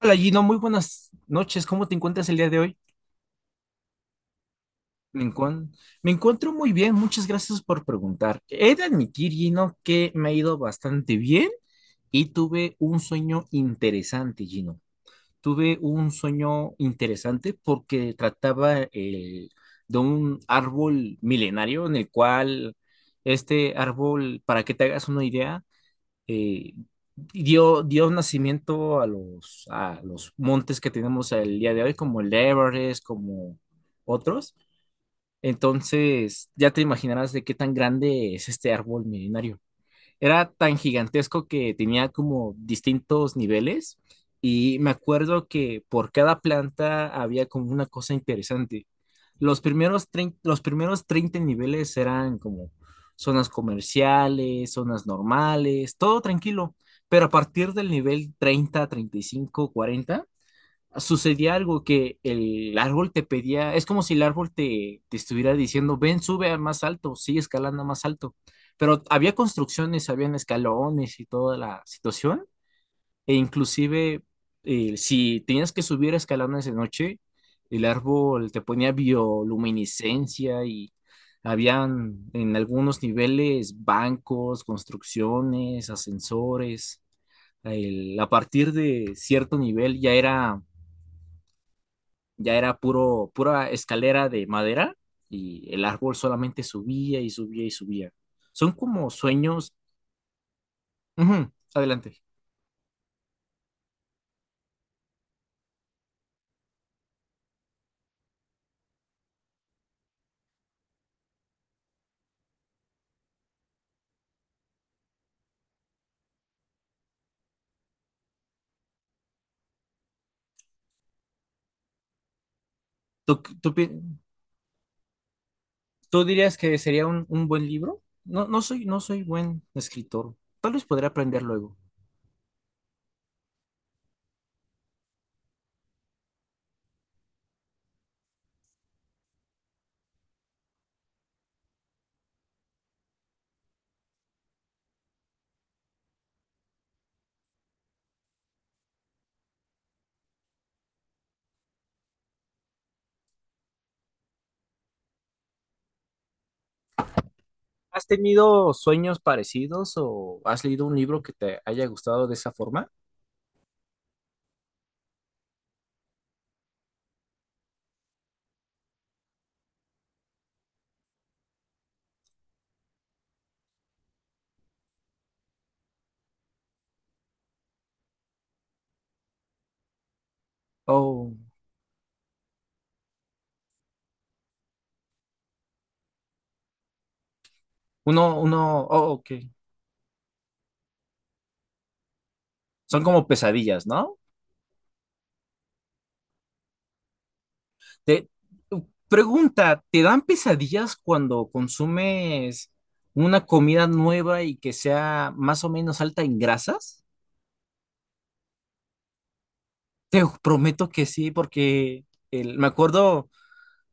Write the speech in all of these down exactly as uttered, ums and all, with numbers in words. Hola Gino, muy buenas noches. ¿Cómo te encuentras el día de hoy? Me encuentro, me encuentro muy bien, muchas gracias por preguntar. He de admitir, Gino, que me ha ido bastante bien y tuve un sueño interesante, Gino. Tuve un sueño interesante porque trataba eh, de un árbol milenario en el cual este árbol, para que te hagas una idea, eh, dio, dio nacimiento a los, a los montes que tenemos el día de hoy, como el Everest, como otros. Entonces, ya te imaginarás de qué tan grande es este árbol milenario. Era tan gigantesco que tenía como distintos niveles, y me acuerdo que por cada planta había como una cosa interesante. Los primeros, trein- los primeros treinta niveles eran como zonas comerciales, zonas normales, todo tranquilo, pero a partir del nivel treinta, treinta y cinco, cuarenta, sucedía algo que el árbol te pedía. Es como si el árbol te, te estuviera diciendo: ven, sube a más alto, sigue escalando más alto. Pero había construcciones, habían escalones y toda la situación, e inclusive eh, si tenías que subir escalones de noche, el árbol te ponía bioluminiscencia y habían en algunos niveles bancos, construcciones, ascensores. El- a partir de cierto nivel ya era ya era puro, pura escalera de madera, y el árbol solamente subía y subía y subía. Son como sueños. Ujú, adelante. ¿Tú, tú pi- tú dirías que sería un, un buen libro? No, no soy, no soy buen escritor. Tal vez podré aprender luego. ¿Has tenido sueños parecidos o has leído un libro que te haya gustado de esa forma? O uno, uno, oh, ok. Son como pesadillas, ¿no? Te, Pregunta: ¿te dan pesadillas cuando consumes una comida nueva y que sea más o menos alta en grasas? Te prometo que sí, porque el- me acuerdo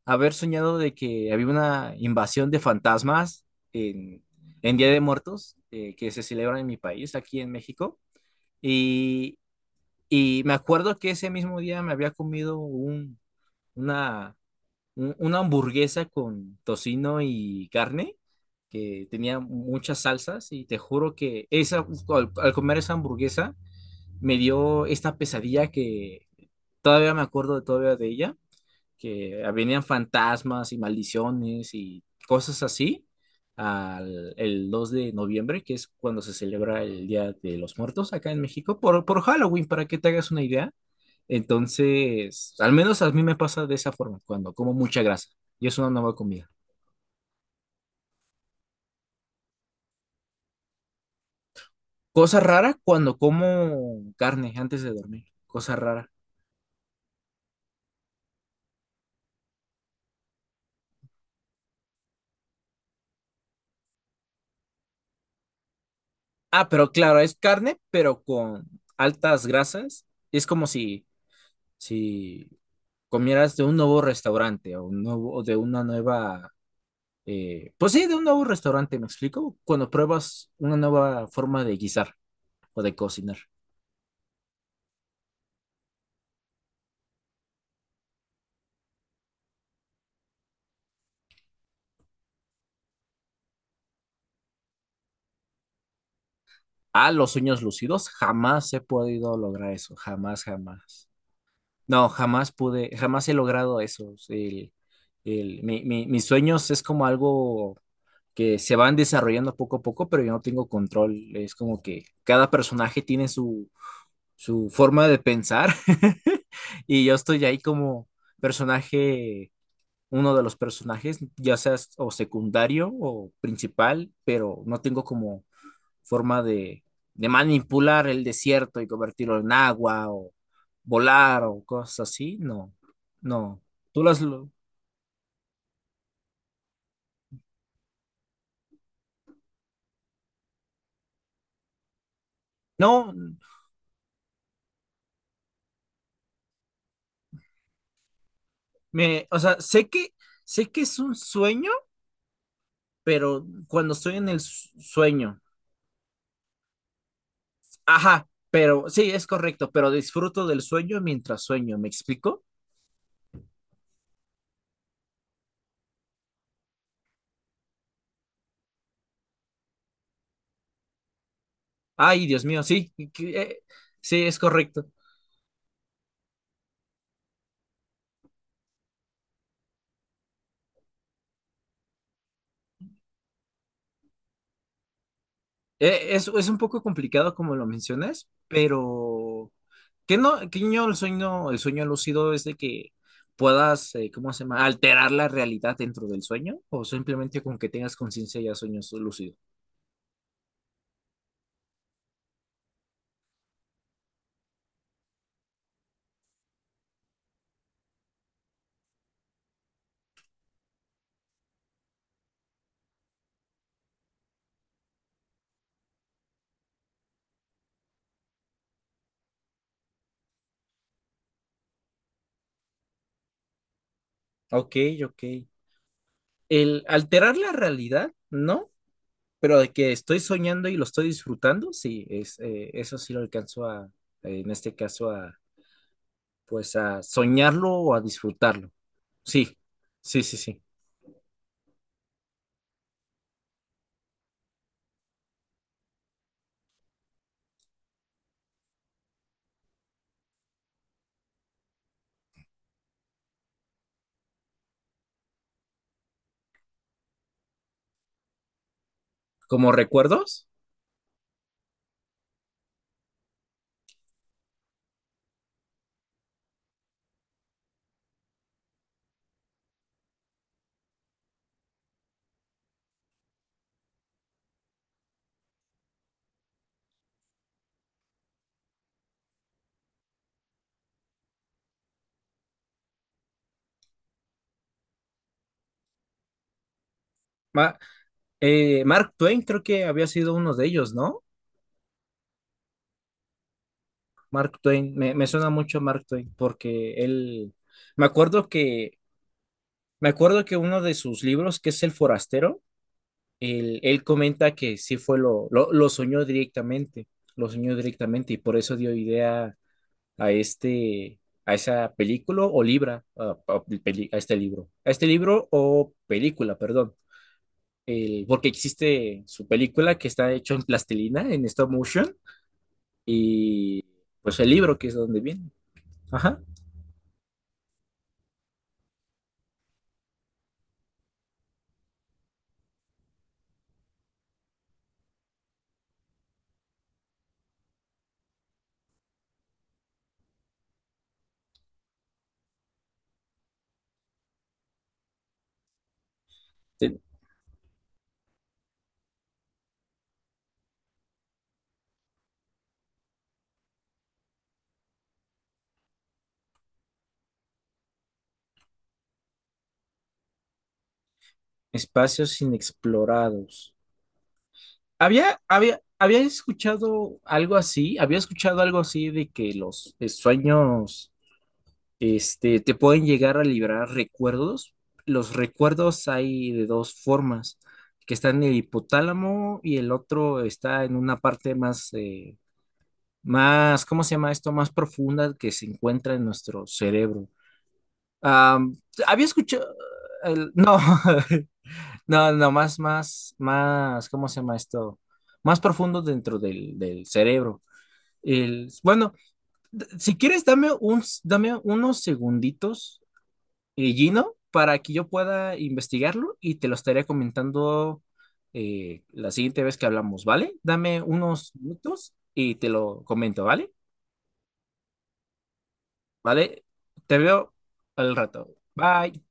haber soñado de que había una invasión de fantasmas en, en Día de Muertos, eh, que se celebra en mi país, aquí en México, y, y me acuerdo que ese mismo día me había comido un, una un- una hamburguesa con tocino y carne que tenía muchas salsas, y te juro que esa, al, al comer esa hamburguesa me dio esta pesadilla que todavía me acuerdo de, todavía de ella, que venían fantasmas y maldiciones y cosas así al, el dos de noviembre, que es cuando se celebra el Día de los Muertos acá en México, por, por Halloween, para que te hagas una idea. Entonces, al menos a mí me pasa de esa forma cuando como mucha grasa y es una nueva comida. Cosa rara cuando como carne antes de dormir. Cosa rara. Ah, pero claro, es carne, pero con altas grasas. Es como si, si comieras de un nuevo restaurante, o un nuevo, o de una nueva, eh, pues sí, de un nuevo restaurante, ¿me explico? Cuando pruebas una nueva forma de guisar o de cocinar. Ah, los sueños lúcidos, jamás he podido lograr eso, jamás, jamás. No, jamás pude, jamás he logrado eso. El, el- mi- mi- mis sueños es como algo que se van desarrollando poco a poco, pero yo no tengo control. Es como que cada personaje tiene su, su forma de pensar y yo estoy ahí como personaje, uno de los personajes, ya sea o secundario o principal, pero no tengo como forma de, de manipular el desierto y convertirlo en agua o volar o cosas así, no, no. Tú las lo- no, me, o sea, sé que sé que es un sueño, pero cuando estoy en el su- sueño, ajá, pero sí, es correcto, pero disfruto del sueño mientras sueño, ¿me explico? Ay, Dios mío, sí, que- eh, sí, es correcto. Eh, Es, es un poco complicado como lo mencionas, pero que no, que yo el sueño, el sueño lúcido es de que puedas, eh, ¿cómo se llama? Alterar la realidad dentro del sueño, o simplemente con que tengas conciencia ya sueños lúcido. Ok, ok. El alterar la realidad, no, pero de que estoy soñando y lo estoy disfrutando, sí, es, eh, eso sí lo alcanzo a, eh, en este caso, a, pues a soñarlo o a disfrutarlo. Sí, sí, sí, sí. ¿Como recuerdos? Ma- Eh, Mark Twain creo que había sido uno de ellos, ¿no? Mark Twain, me, me suena mucho Mark Twain porque él, me acuerdo que, me acuerdo que uno de sus libros, que es El Forastero, él, él comenta que sí fue lo, lo, lo soñó directamente, lo soñó directamente, y por eso dio idea a este, a esa película o libra, a, a- peli- a este libro, a este libro o película, perdón. El- porque existe su película que está hecho en plastilina, en stop motion, y pues el libro que es donde viene. Ajá. Te- Espacios inexplorados. Había, había, había escuchado algo así, había escuchado algo así de que los eh, sueños, este, te pueden llegar a liberar recuerdos. Los recuerdos hay de dos formas, que está en el hipotálamo y el otro está en una parte más, eh, más, ¿cómo se llama esto? Más profunda que se encuentra en nuestro cerebro. Am, había escuchado, el- no, no, no, más, más, más, ¿cómo se llama esto? Más profundo dentro del, del cerebro. El, bueno, d- si quieres, dame un, s- dame unos segunditos, eh, Gino, para que yo pueda investigarlo y te lo estaré comentando eh, la siguiente vez que hablamos, ¿vale? Dame unos minutos y te lo comento, ¿vale? ¿Vale? Te veo al rato. Bye.